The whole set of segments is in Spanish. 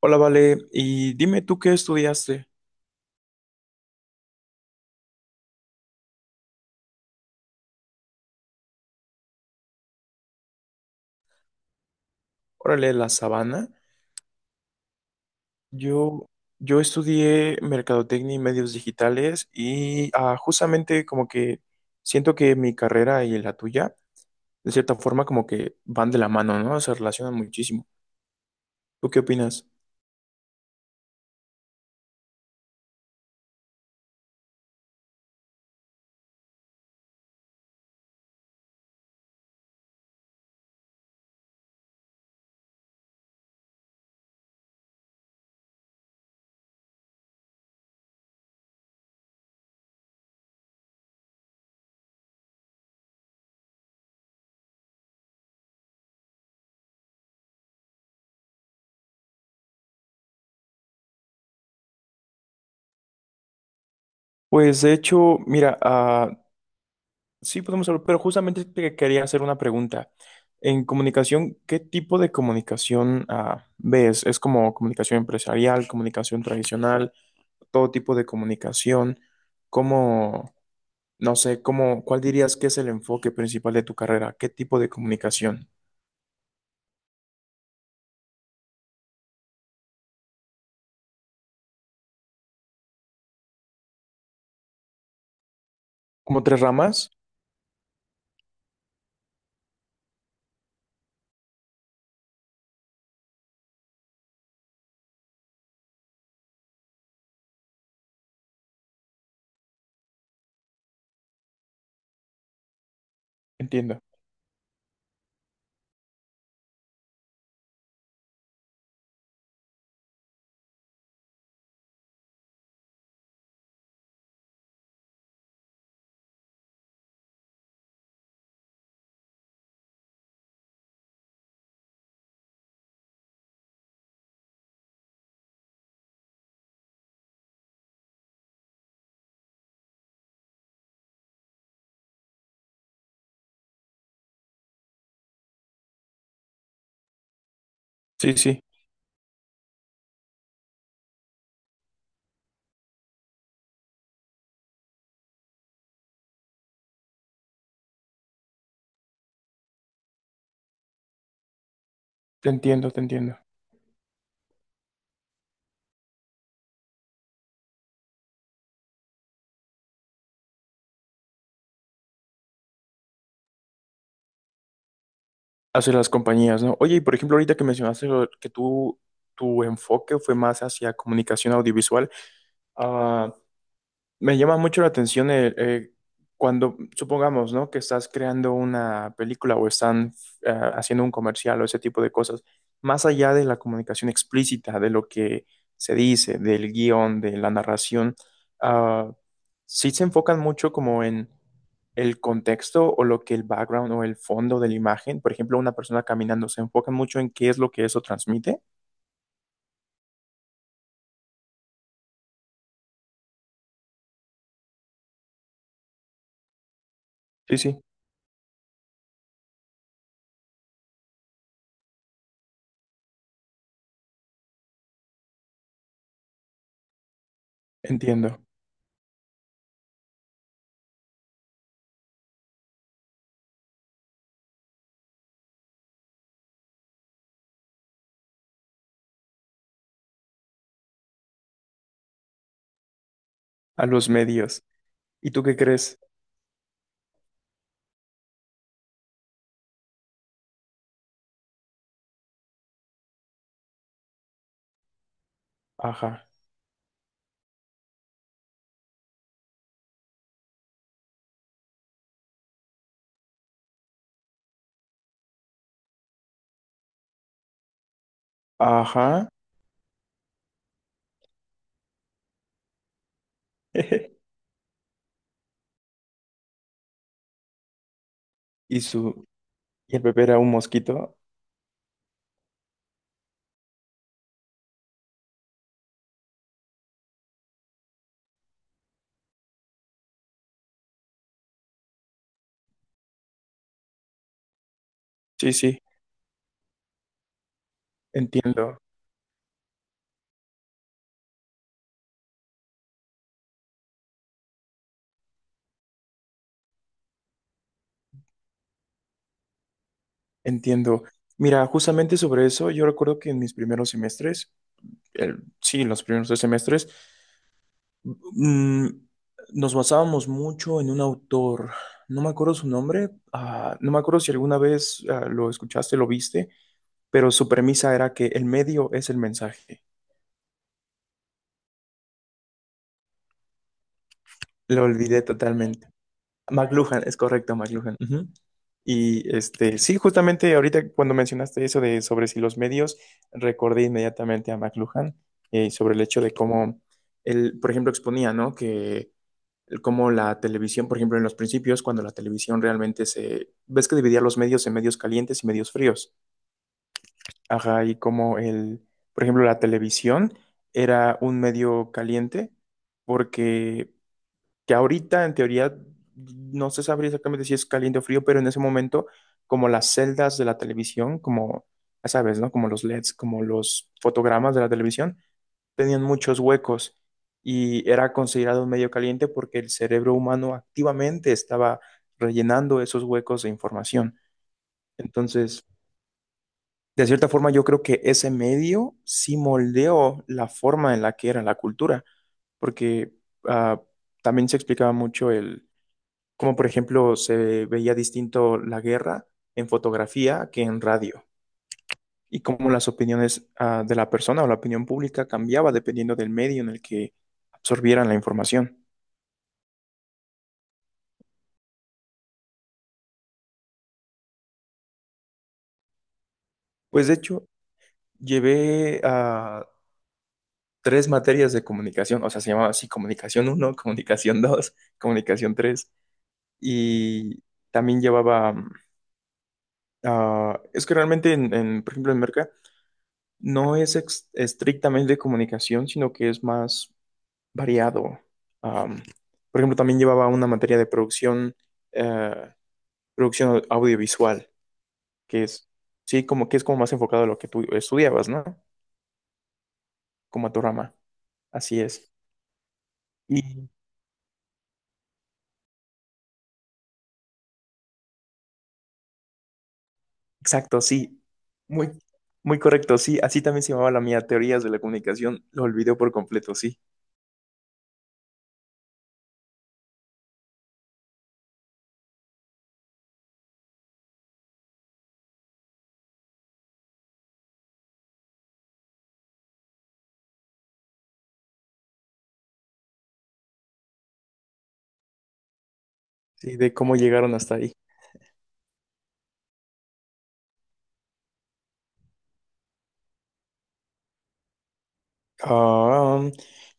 Hola, Vale, y dime tú qué estudiaste. Órale, la sabana. Yo, yo estudié mercadotecnia y medios digitales y justamente como que siento que mi carrera y la tuya, de cierta forma, como que van de la mano, ¿no? Se relacionan muchísimo. ¿Tú qué opinas? Pues de hecho, mira, ah, sí podemos hablar, pero justamente te quería hacer una pregunta. En comunicación, ¿qué tipo de comunicación ves? ¿Es como comunicación empresarial, comunicación tradicional? Todo tipo de comunicación. ¿Cómo, no sé, cómo, cuál dirías que es el enfoque principal de tu carrera? ¿Qué tipo de comunicación? ¿Como tres ramas? Entiendo. Sí, sí, te entiendo, te entiendo. Hacia las compañías, ¿no? Oye, y por ejemplo, ahorita que mencionaste que tú, tu enfoque fue más hacia comunicación audiovisual. Ah, Me llama mucho la atención el, cuando, supongamos, ¿no? Que estás creando una película o están haciendo un comercial o ese tipo de cosas, más allá de la comunicación explícita, de lo que se dice, del guión, de la narración, ah, sí se enfocan mucho como en el contexto o lo que el background o el fondo de la imagen, por ejemplo, una persona caminando, se enfocan mucho en qué es lo que eso transmite. Sí, sí, entiendo. A los medios. ¿Y tú qué crees? Ajá. Ajá. Y su y el bebé era un mosquito. Sí, sí, entiendo, entiendo. Mira, justamente sobre eso, yo recuerdo que en mis primeros semestres, sí, los primeros tres semestres, mm, nos basábamos mucho en un autor. No me acuerdo su nombre, ah, no me acuerdo si alguna vez lo escuchaste, lo viste, pero su premisa era que el medio es el mensaje. Lo olvidé totalmente. McLuhan, es correcto, McLuhan. Ujú. Y este, sí, justamente ahorita cuando mencionaste eso de sobre si los medios, recordé inmediatamente a McLuhan sobre el hecho de cómo él, por ejemplo, exponía, ¿no? Que cómo la televisión, por ejemplo, en los principios, cuando la televisión realmente se, ves que dividía los medios en medios calientes y medios fríos. Ajá, y como el, por ejemplo, la televisión era un medio caliente porque que ahorita en teoría no se sabría exactamente si es caliente o frío, pero en ese momento, como las celdas de la televisión, como, ya sabes, ¿no? Como los LEDs, como los fotogramas de la televisión, tenían muchos huecos y era considerado un medio caliente porque el cerebro humano activamente estaba rellenando esos huecos de información. Entonces, de cierta forma, yo creo que ese medio sí moldeó la forma en la que era la cultura, porque ah, también se explicaba mucho el como por ejemplo se veía distinto la guerra en fotografía que en radio, y cómo las opiniones de la persona o la opinión pública cambiaba dependiendo del medio en el que absorbieran la información. Pues de hecho, llevé a tres materias de comunicación, o sea, se llamaba así comunicación uno comunicación 2 comunicación 3 y también llevaba, mm, ah, es que realmente, por ejemplo, en Merca, no es estrictamente de comunicación, sino que es más variado. Am, por ejemplo, también llevaba una materia de producción, eh, producción audiovisual, que es, sí, como que es como más enfocado a lo que tú estudiabas, ¿no? Como a tu rama. Así es. Y exacto, sí. Muy, muy correcto, sí. Así también se llamaba la mía, teorías de la comunicación. Lo olvidé por completo, sí. Sí, de cómo llegaron hasta ahí. Ah,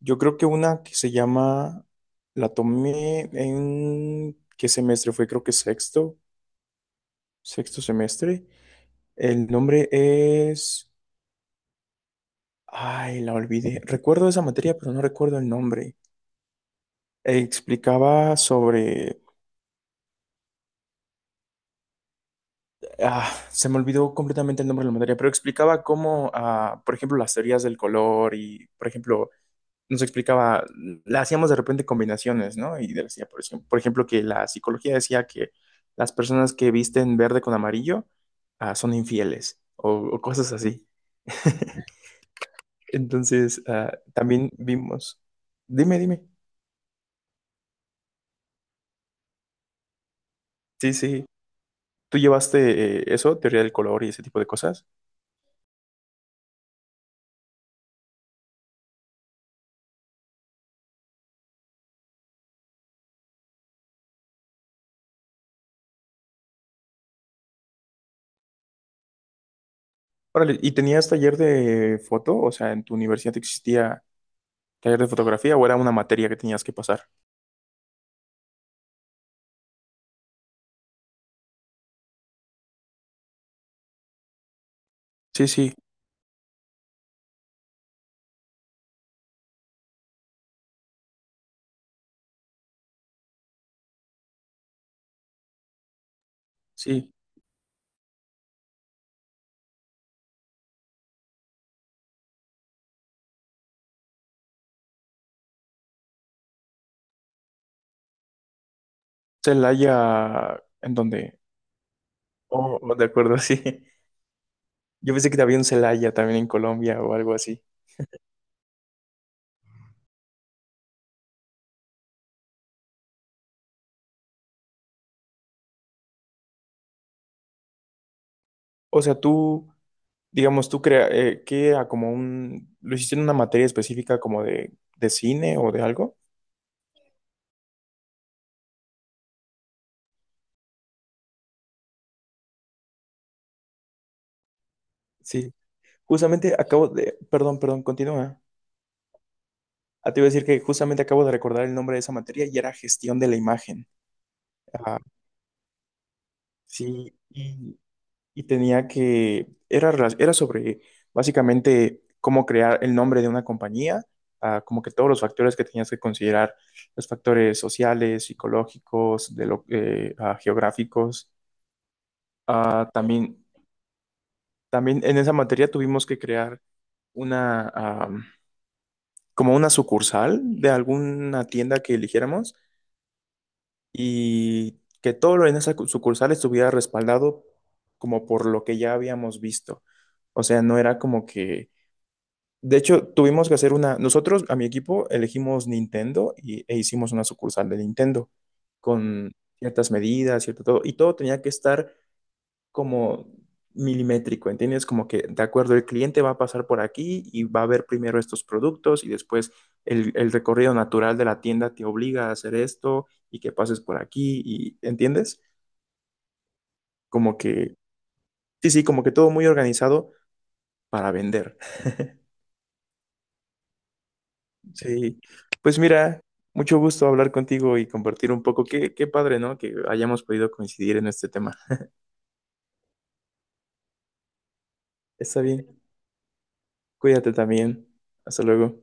yo creo que una que se llama, la tomé en, ¿qué semestre fue? Creo que sexto semestre. El nombre es... Ay, la olvidé. Recuerdo esa materia, pero no recuerdo el nombre. Explicaba sobre... Ah, se me olvidó completamente el nombre de la materia, pero explicaba cómo, ah, por ejemplo, las teorías del color y, por ejemplo, nos explicaba, la hacíamos de repente combinaciones, ¿no? Y decía, por ejemplo, que la psicología decía que las personas que visten verde con amarillo, ah, son infieles o cosas así. Entonces, ah, también vimos. Dime, dime. Sí, sí. ¿Tú llevaste eso, teoría del color y ese tipo de cosas? Órale, ¿y tenías taller de foto? O sea, ¿en tu universidad existía taller de fotografía o era una materia que tenías que pasar? Sí, sí, sí. Celaya, ¿en dónde? Oh, oh, de acuerdo, sí. Yo pensé que había un Celaya también en Colombia o algo así. O sea, tú, digamos, ¿qué era como un, lo hiciste en una materia específica como de cine o de algo? Sí. Justamente acabo de, perdón, perdón, continúa. Ah, te iba a decir que justamente acabo de recordar el nombre de esa materia y era gestión de la imagen. Ah, sí, y tenía que, era, era sobre básicamente cómo crear el nombre de una compañía, ah, como que todos los factores que tenías que considerar, los factores sociales, psicológicos, de lo, ah, geográficos. Ah, también, también en esa materia tuvimos que crear una, ah, como una sucursal de alguna tienda que eligiéramos. Y que todo lo en esa sucursal estuviera respaldado como por lo que ya habíamos visto. O sea, no era como que... De hecho, tuvimos que hacer una... Nosotros, a mi equipo, elegimos Nintendo y, e hicimos una sucursal de Nintendo con ciertas medidas, cierto todo. Y todo tenía que estar como milimétrico, ¿entiendes? Como que, de acuerdo, el cliente va a pasar por aquí y va a ver primero estos productos y después el recorrido natural de la tienda te obliga a hacer esto y que pases por aquí y, ¿entiendes? Como que, sí, sí, como que todo muy organizado para vender. Sí, pues mira, mucho gusto hablar contigo y compartir un poco. Qué, qué padre, ¿no? Que hayamos podido coincidir en este tema. Está bien, cuídate también. Hasta luego.